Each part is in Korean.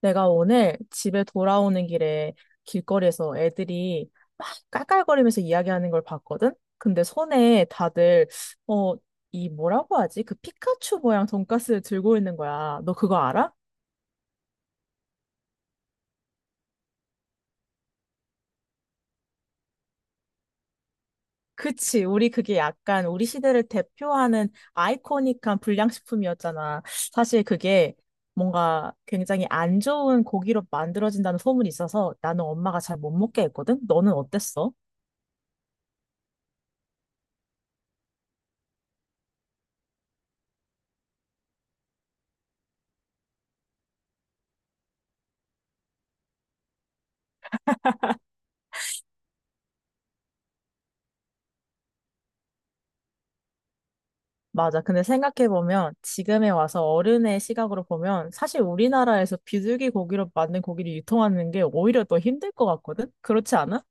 내가 오늘 집에 돌아오는 길에 길거리에서 애들이 막 깔깔거리면서 이야기하는 걸 봤거든? 근데 손에 다들, 어, 이 뭐라고 하지? 그 피카츄 모양 돈가스를 들고 있는 거야. 너 그거 알아? 그치. 우리 그게 약간 우리 시대를 대표하는 아이코닉한 불량식품이었잖아. 사실 그게 뭔가 굉장히 안 좋은 고기로 만들어진다는 소문이 있어서 나는 엄마가 잘 못 먹게 했거든? 너는 어땠어? 맞아. 근데 생각해보면 지금에 와서 어른의 시각으로 보면 사실 우리나라에서 비둘기 고기로 만든 고기를 유통하는 게 오히려 더 힘들 것 같거든? 그렇지 않아?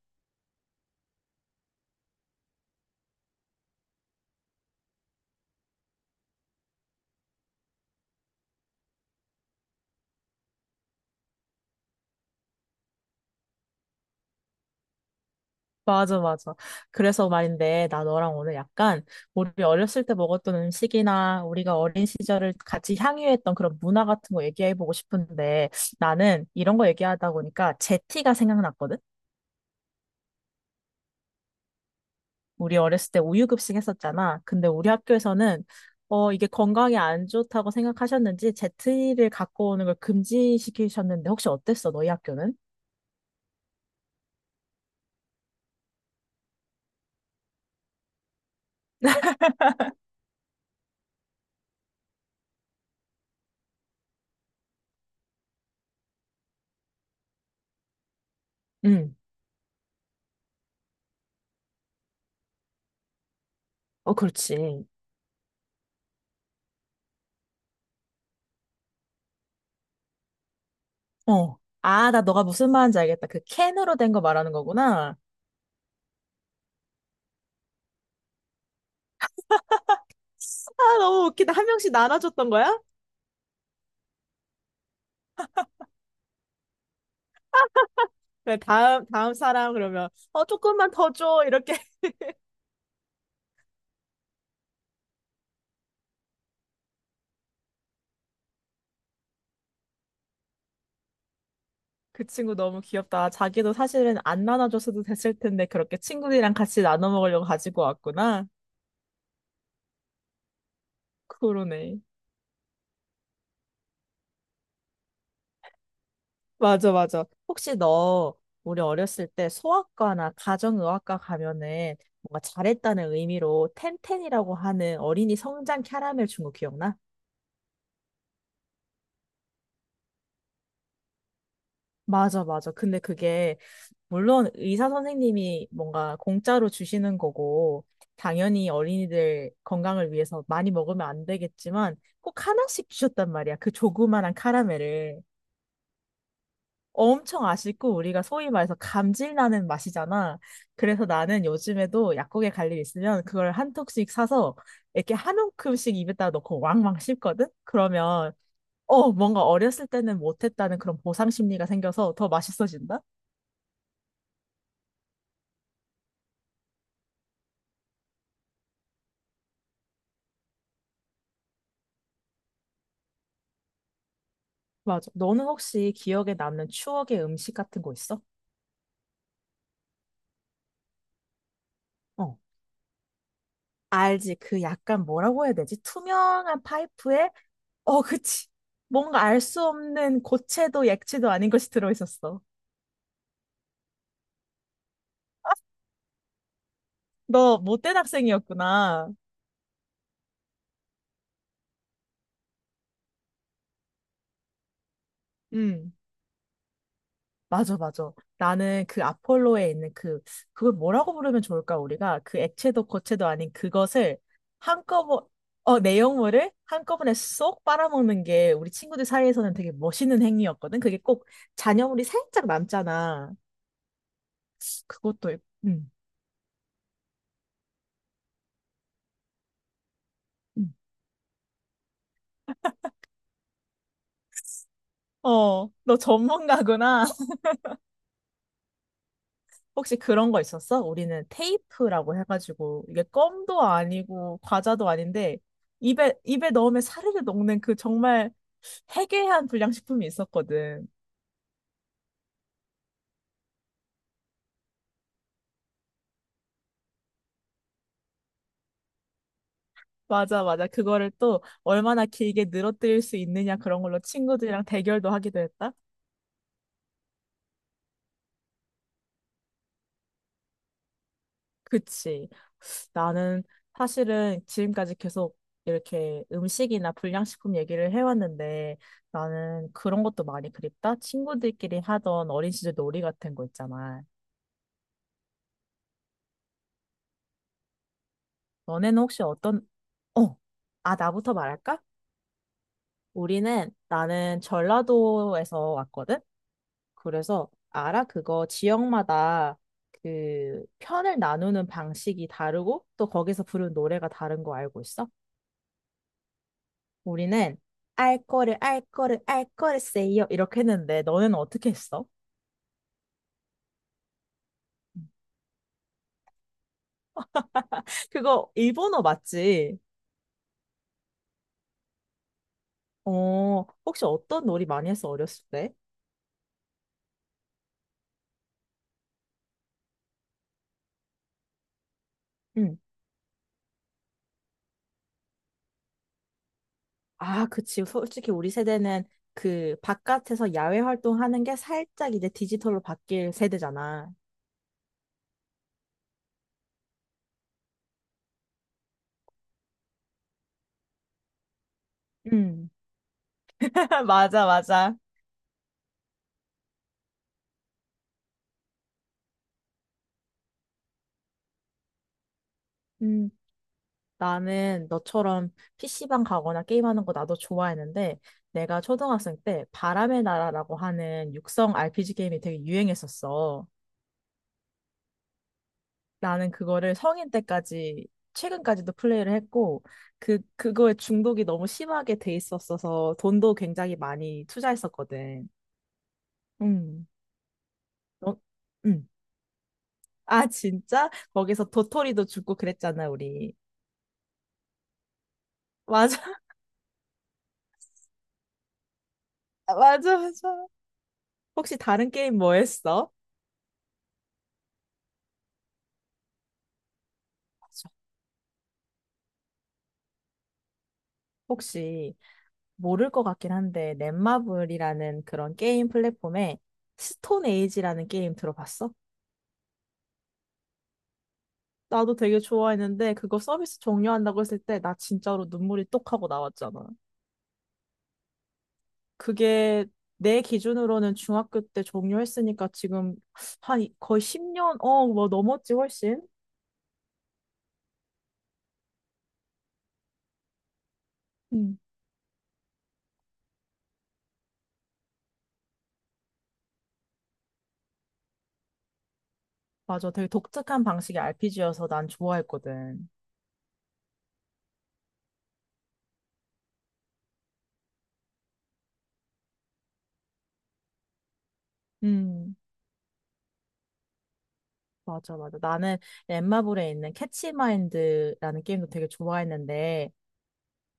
맞아, 맞아. 그래서 말인데 나 너랑 오늘 약간 우리 어렸을 때 먹었던 음식이나 우리가 어린 시절을 같이 향유했던 그런 문화 같은 거 얘기해보고 싶은데 나는 이런 거 얘기하다 보니까 제티가 생각났거든? 우리 어렸을 때 우유급식 했었잖아. 근데 우리 학교에서는 이게 건강에 안 좋다고 생각하셨는지 제트리를 갖고 오는 걸 금지시키셨는데 혹시 어땠어? 너희 학교는? 응, 어, 그렇지. 어. 아, 나 너가 무슨 말인지 알겠다. 그 캔으로 된 거 말하는 거구나. 아, 너무 웃기다. 한 명씩 나눠줬던 거야? 그래, 다음 사람 그러면 조금만 더 줘. 이렇게. 그 친구 너무 귀엽다. 자기도 사실은 안 나눠줬어도 됐을 텐데 그렇게 친구들이랑 같이 나눠 먹으려고 가지고 왔구나. 그러네. 맞아, 맞아. 혹시 너 우리 어렸을 때 소아과나 가정의학과 가면은 뭔가 잘했다는 의미로 텐텐이라고 하는 어린이 성장 캐러멜 준거 기억나? 맞아, 맞아. 근데 그게 물론 의사 선생님이 뭔가 공짜로 주시는 거고 당연히 어린이들 건강을 위해서 많이 먹으면 안 되겠지만 꼭 하나씩 주셨단 말이야. 그 조그만한 카라멜을. 엄청 아쉽고 우리가 소위 말해서 감질 나는 맛이잖아. 그래서 나는 요즘에도 약국에 갈 일 있으면 그걸 한 톡씩 사서 이렇게 한 움큼씩 입에다 넣고 왕왕 씹거든? 그러면 뭔가 어렸을 때는 못했다는 그런 보상 심리가 생겨서 더 맛있어진다? 맞아. 너는 혹시 기억에 남는 추억의 음식 같은 거 있어? 어. 알지. 그 약간 뭐라고 해야 되지? 투명한 파이프에 어, 그치. 뭔가 알 수 없는 고체도 액체도 아닌 것이 들어있었어. 너 못된 학생이었구나. 음, 맞아, 맞아. 나는 그 아폴로에 있는 그걸 뭐라고 부르면 좋을까, 우리가? 그 액체도 고체도 아닌 그것을 한꺼번에, 내용물을 한꺼번에 쏙 빨아먹는 게 우리 친구들 사이에서는 되게 멋있는 행위였거든. 그게 꼭 잔여물이 살짝 남잖아. 그것도. 음. 너 전문가구나. 혹시 그런 거 있었어? 우리는 테이프라고 해가지고 이게 껌도 아니고 과자도 아닌데 입에 넣으면 사르르 녹는 그 정말 해괴한 불량식품이 있었거든. 맞아, 맞아. 그거를 또 얼마나 길게 늘어뜨릴 수 있느냐 그런 걸로 친구들이랑 대결도 하기도 했다. 그치. 나는 사실은 지금까지 계속 이렇게 음식이나 불량식품 얘기를 해왔는데 나는 그런 것도 많이 그립다. 친구들끼리 하던 어린 시절 놀이 같은 거 있잖아. 너네는 혹시 어떤, 어, 아, 나부터 말할까? 우리는, 나는 전라도에서 왔거든? 그래서, 알아? 그거 지역마다 그 편을 나누는 방식이 다르고, 또 거기서 부르는 노래가 다른 거 알고 있어? 우리는, 알 거를, 알 거를, 알 거를 세요. 이렇게 했는데, 너네는 어떻게 했어? 그거 일본어 맞지? 혹시 어떤 놀이 많이 했어, 어렸을 때? 응. 아, 그치. 솔직히 우리 세대는 그 바깥에서 야외 활동하는 게 살짝 이제 디지털로 바뀔 세대잖아. 음, 맞아, 맞아. 음, 나는 너처럼 PC방 가거나 게임하는 거 나도 좋아했는데, 내가 초등학생 때 바람의 나라라고 하는 육성 RPG 게임이 되게 유행했었어. 나는 그거를 성인 때까지, 최근까지도 플레이를 했고, 그거에 중독이 너무 심하게 돼 있었어서 돈도 굉장히 많이 투자했었거든. 음. 어? 응. 아, 진짜? 거기서 도토리도 주고 그랬잖아, 우리. 맞아, 맞아, 맞아. 혹시 다른 게임 뭐 했어? 맞아. 혹시 모를 것 같긴 한데, 넷마블이라는 그런 게임 플랫폼에 스톤 에이지라는 게임 들어봤어? 나도 되게 좋아했는데, 그거 서비스 종료한다고 했을 때, 나 진짜로 눈물이 똑 하고 나왔잖아. 그게 내 기준으로는 중학교 때 종료했으니까 지금 한 거의 10년, 뭐 넘었지, 훨씬. 음. 맞아. 되게 독특한 방식의 RPG여서 난 좋아했거든. 음, 맞아, 맞아. 나는 엠마블에 있는 캐치마인드라는 게임도 되게 좋아했는데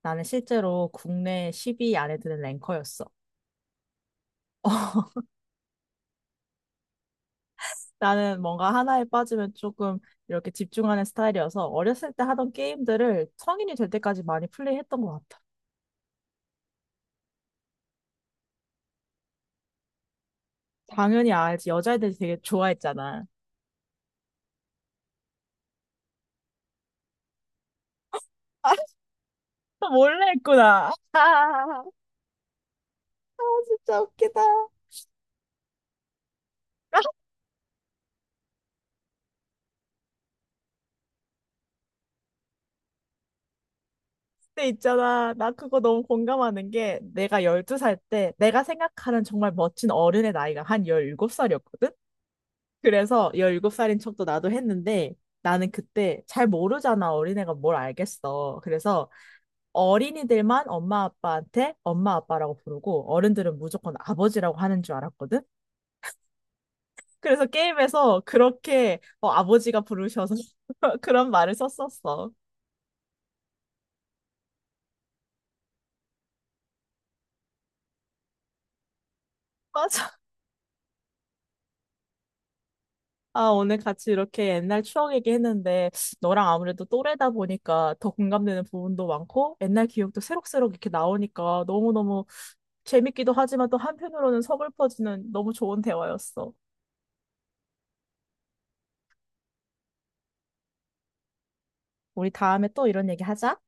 나는 실제로 국내 10위 안에 드는 랭커였어. 나는 뭔가 하나에 빠지면 조금 이렇게 집중하는 스타일이어서 어렸을 때 하던 게임들을 성인이 될 때까지 많이 플레이했던 것 같아. 당연히 알지. 여자애들이 되게 좋아했잖아. 몰래 했구나. 아, 진짜 웃기다. 근데 있잖아, 나 그거 너무 공감하는 게 내가 12살 때 내가 생각하는 정말 멋진 어른의 나이가 한 17살이었거든? 그래서 17살인 척도 나도 했는데 나는 그때 잘 모르잖아. 어린애가 뭘 알겠어. 그래서 어린이들만 엄마 아빠한테 엄마 아빠라고 부르고 어른들은 무조건 아버지라고 하는 줄 알았거든? 그래서 게임에서 그렇게 아버지가 부르셔서 그런 말을 썼었어. 맞아. 아, 오늘 같이 이렇게 옛날 추억 얘기했는데 너랑 아무래도 또래다 보니까 더 공감되는 부분도 많고 옛날 기억도 새록새록 이렇게 나오니까 너무너무 재밌기도 하지만 또 한편으로는 서글퍼지는 너무 좋은 대화였어. 우리 다음에 또 이런 얘기 하자.